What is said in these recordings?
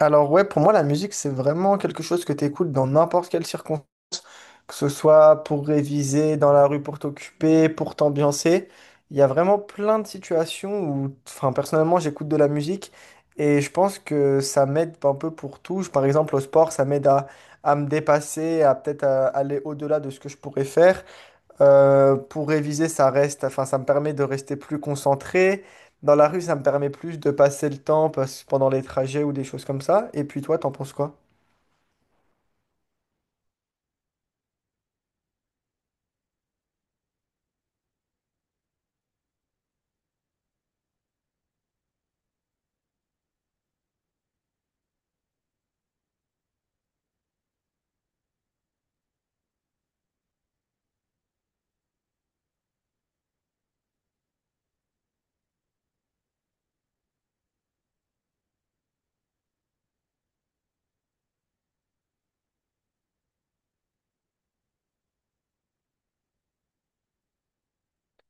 Alors ouais, pour moi, la musique, c'est vraiment quelque chose que tu écoutes dans n'importe quelle circonstance, que ce soit pour réviser, dans la rue pour t'occuper, pour t'ambiancer. Il y a vraiment plein de situations où, enfin, personnellement, j'écoute de la musique et je pense que ça m'aide un peu pour tout. Par exemple, au sport, ça m'aide à me dépasser, à peut-être à aller au-delà de ce que je pourrais faire. Pour réviser, ça reste, enfin, ça me permet de rester plus concentré. Dans la rue, ça me permet plus de passer le temps pendant les trajets ou des choses comme ça. Et puis toi, t'en penses quoi?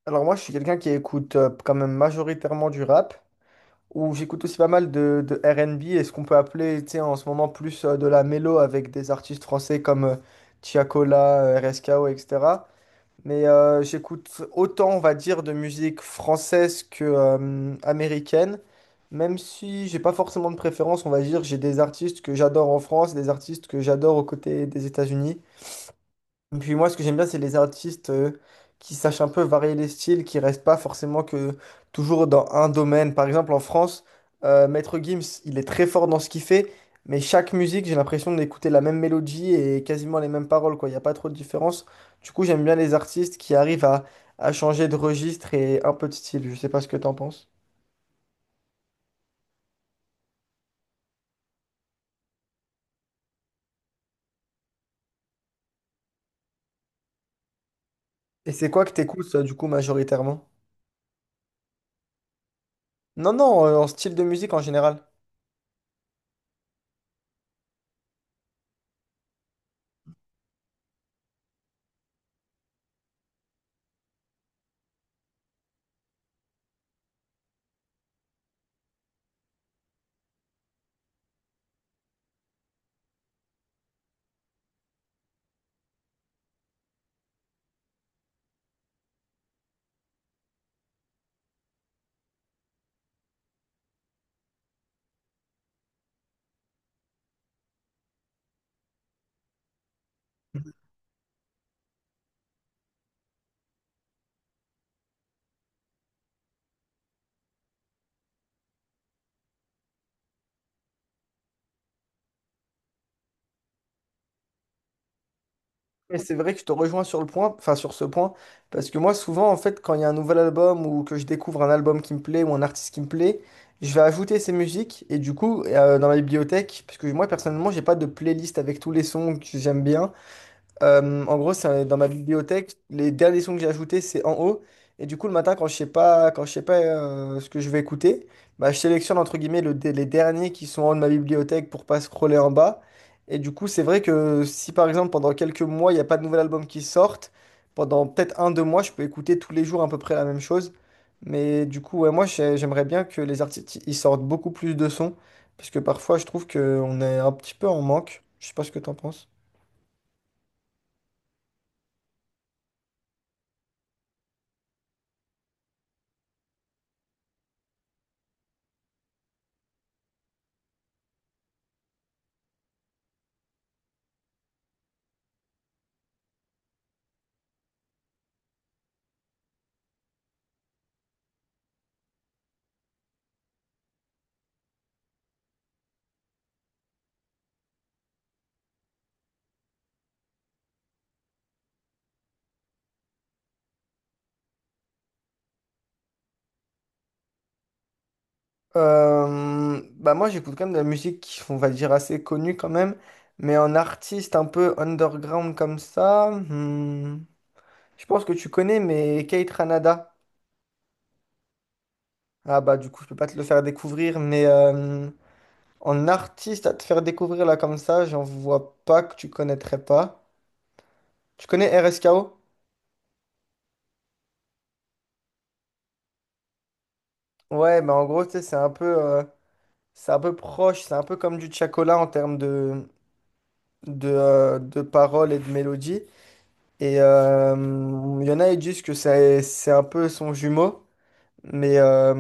Alors moi, je suis quelqu'un qui écoute quand même majoritairement du rap, ou j'écoute aussi pas mal de R&B et ce qu'on peut appeler, tu sais, en ce moment plus de la mélo avec des artistes français comme Tiakola, RSKO, etc. Mais j'écoute autant, on va dire, de musique française que américaine, même si j'ai pas forcément de préférence, on va dire, j'ai des artistes que j'adore en France et des artistes que j'adore aux côtés des États-Unis. Puis moi, ce que j'aime bien, c'est les artistes qui sachent un peu varier les styles, qui restent pas forcément que toujours dans un domaine. Par exemple, en France, Maître Gims, il est très fort dans ce qu'il fait, mais chaque musique, j'ai l'impression d'écouter la même mélodie et quasiment les mêmes paroles, quoi. Il n'y a pas trop de différence. Du coup, j'aime bien les artistes qui arrivent à changer de registre et un peu de style. Je sais pas ce que t'en penses. Et c'est quoi que t'écoutes, toi, du coup, majoritairement? Non, non, en style de musique en général. Mais c'est vrai que je te rejoins sur le point, enfin sur ce point, parce que moi souvent en fait quand il y a un nouvel album ou que je découvre un album qui me plaît ou un artiste qui me plaît, je vais ajouter ces musiques et du coup dans ma bibliothèque, parce que moi personnellement j'ai pas de playlist avec tous les sons que j'aime bien, en gros, c'est dans ma bibliothèque, les derniers sons que j'ai ajoutés, c'est en haut. Et du coup, le matin, quand je sais pas ce que je vais écouter, bah, je sélectionne entre guillemets les derniers qui sont en haut de ma bibliothèque pour pas scroller en bas. Et du coup, c'est vrai que si par exemple pendant quelques mois, il n'y a pas de nouvel album qui sortent, pendant peut-être un, 2 mois, je peux écouter tous les jours à peu près la même chose. Mais du coup, ouais, moi, j'aimerais bien que les artistes ils sortent beaucoup plus de sons, parce que parfois, je trouve qu'on est un petit peu en manque. Je sais pas ce que t'en penses. Bah moi j'écoute quand même de la musique qui on va dire assez connue quand même mais en artiste un peu underground comme ça, je pense que tu connais, mais Kate Ranada. Ah bah du coup je peux pas te le faire découvrir, mais en artiste à te faire découvrir là comme ça, j'en vois pas que tu connaîtrais pas. Tu connais R S K O? Ouais bah en gros tu sais, c'est un peu proche, c'est un peu comme du Chacola en termes de paroles et de mélodies. Et il y en a, ils disent que c'est un peu son jumeau. Mais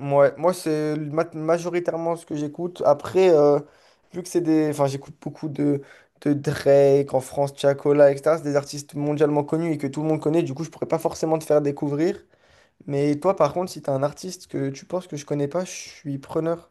ouais, moi, c'est majoritairement ce que j'écoute. Après, vu que c'est des. Enfin, j'écoute beaucoup de Drake en France, Tiakola, etc. C'est des artistes mondialement connus et que tout le monde connaît. Du coup, je pourrais pas forcément te faire découvrir. Mais toi, par contre, si t'as un artiste que tu penses que je connais pas, je suis preneur.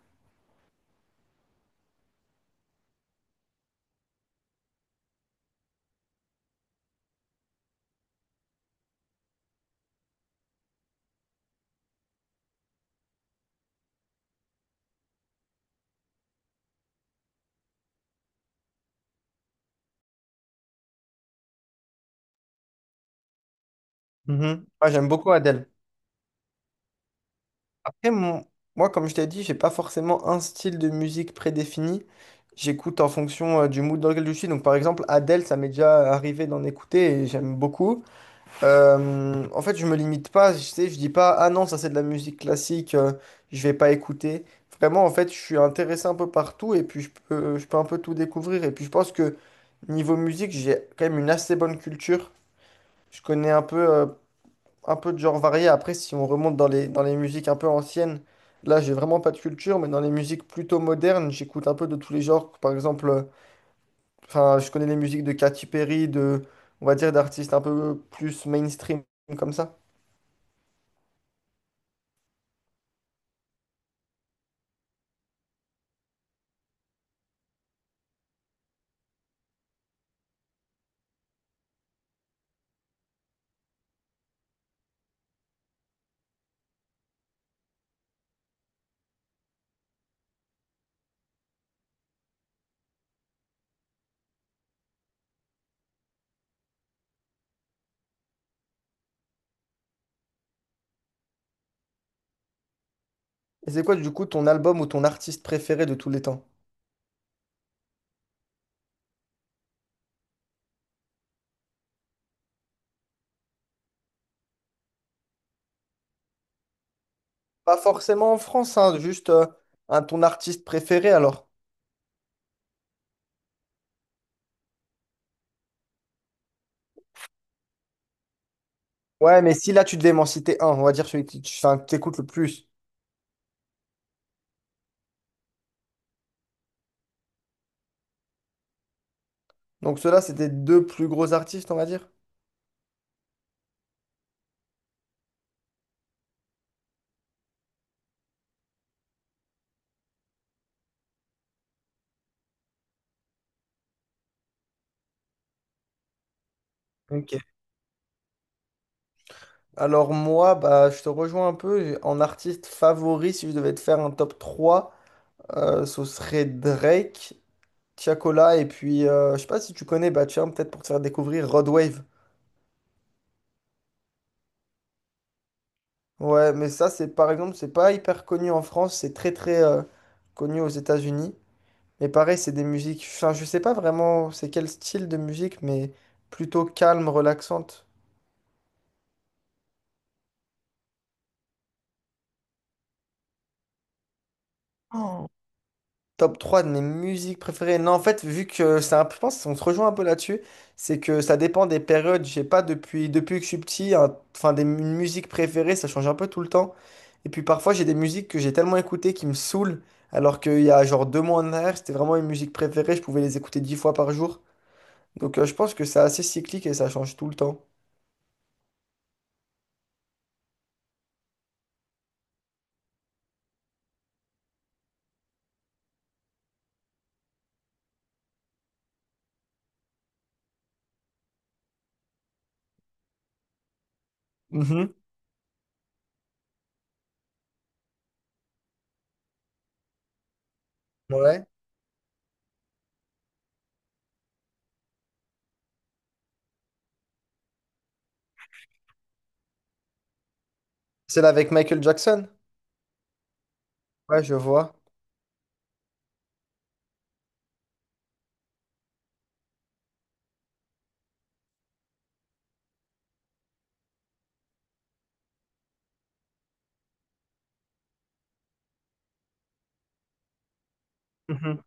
Mhm. Moi, j'aime beaucoup Adele. Après, moi, comme je t'ai dit, j'ai pas forcément un style de musique prédéfini. J'écoute en fonction du mood dans lequel je suis. Donc, par exemple, Adele, ça m'est déjà arrivé d'en écouter et j'aime beaucoup. En fait, je me limite pas. Je sais, je dis pas, ah non, ça c'est de la musique classique, je vais pas écouter. Vraiment, en fait, je suis intéressé un peu partout et puis je peux un peu tout découvrir. Et puis, je pense que niveau musique, j'ai quand même une assez bonne culture. Je connais un peu de genre varié. Après, si on remonte dans les musiques un peu anciennes, là, j'ai vraiment pas de culture, mais dans les musiques plutôt modernes, j'écoute un peu de tous les genres. Par exemple, enfin, je connais les musiques de Katy Perry, de, on va dire, d'artistes un peu plus mainstream comme ça. Et c'est quoi, du coup, ton album ou ton artiste préféré de tous les temps? Pas forcément en France, hein, juste ton artiste préféré alors. Ouais, mais si là, tu devais m'en citer un, on va dire celui que tu, enfin, que t'écoutes le plus. Donc, ceux-là, c'était deux plus gros artistes, on va dire. Ok. Alors moi, bah, je te rejoins un peu. En artiste favori, si je devais te faire un top 3, ce serait Drake, Tiakola, et puis je sais pas si tu connais, bah tiens, peut-être pour te faire découvrir Rodwave. Ouais, mais ça, c'est par exemple, c'est pas hyper connu en France, c'est très très connu aux États-Unis. Mais pareil, c'est des musiques, enfin, je sais pas vraiment c'est quel style de musique, mais plutôt calme, relaxante. Top 3 de mes musiques préférées. Non, en fait, vu que c'est un je pense qu'on se rejoint un peu là-dessus, c'est que ça dépend des périodes. Je sais pas, depuis que je suis petit, enfin, des musiques préférées, ça change un peu tout le temps. Et puis parfois, j'ai des musiques que j'ai tellement écoutées qui me saoulent, alors qu'il y a genre deux mois en arrière, c'était vraiment une musique préférée, je pouvais les écouter 10 fois par jour. Donc je pense que c'est assez cyclique et ça change tout le temps. Mhm. Ouais. Celle avec Michael Jackson? Ouais, je vois. Mhm.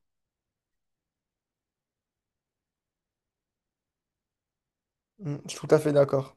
Mm. Je suis tout à fait d'accord.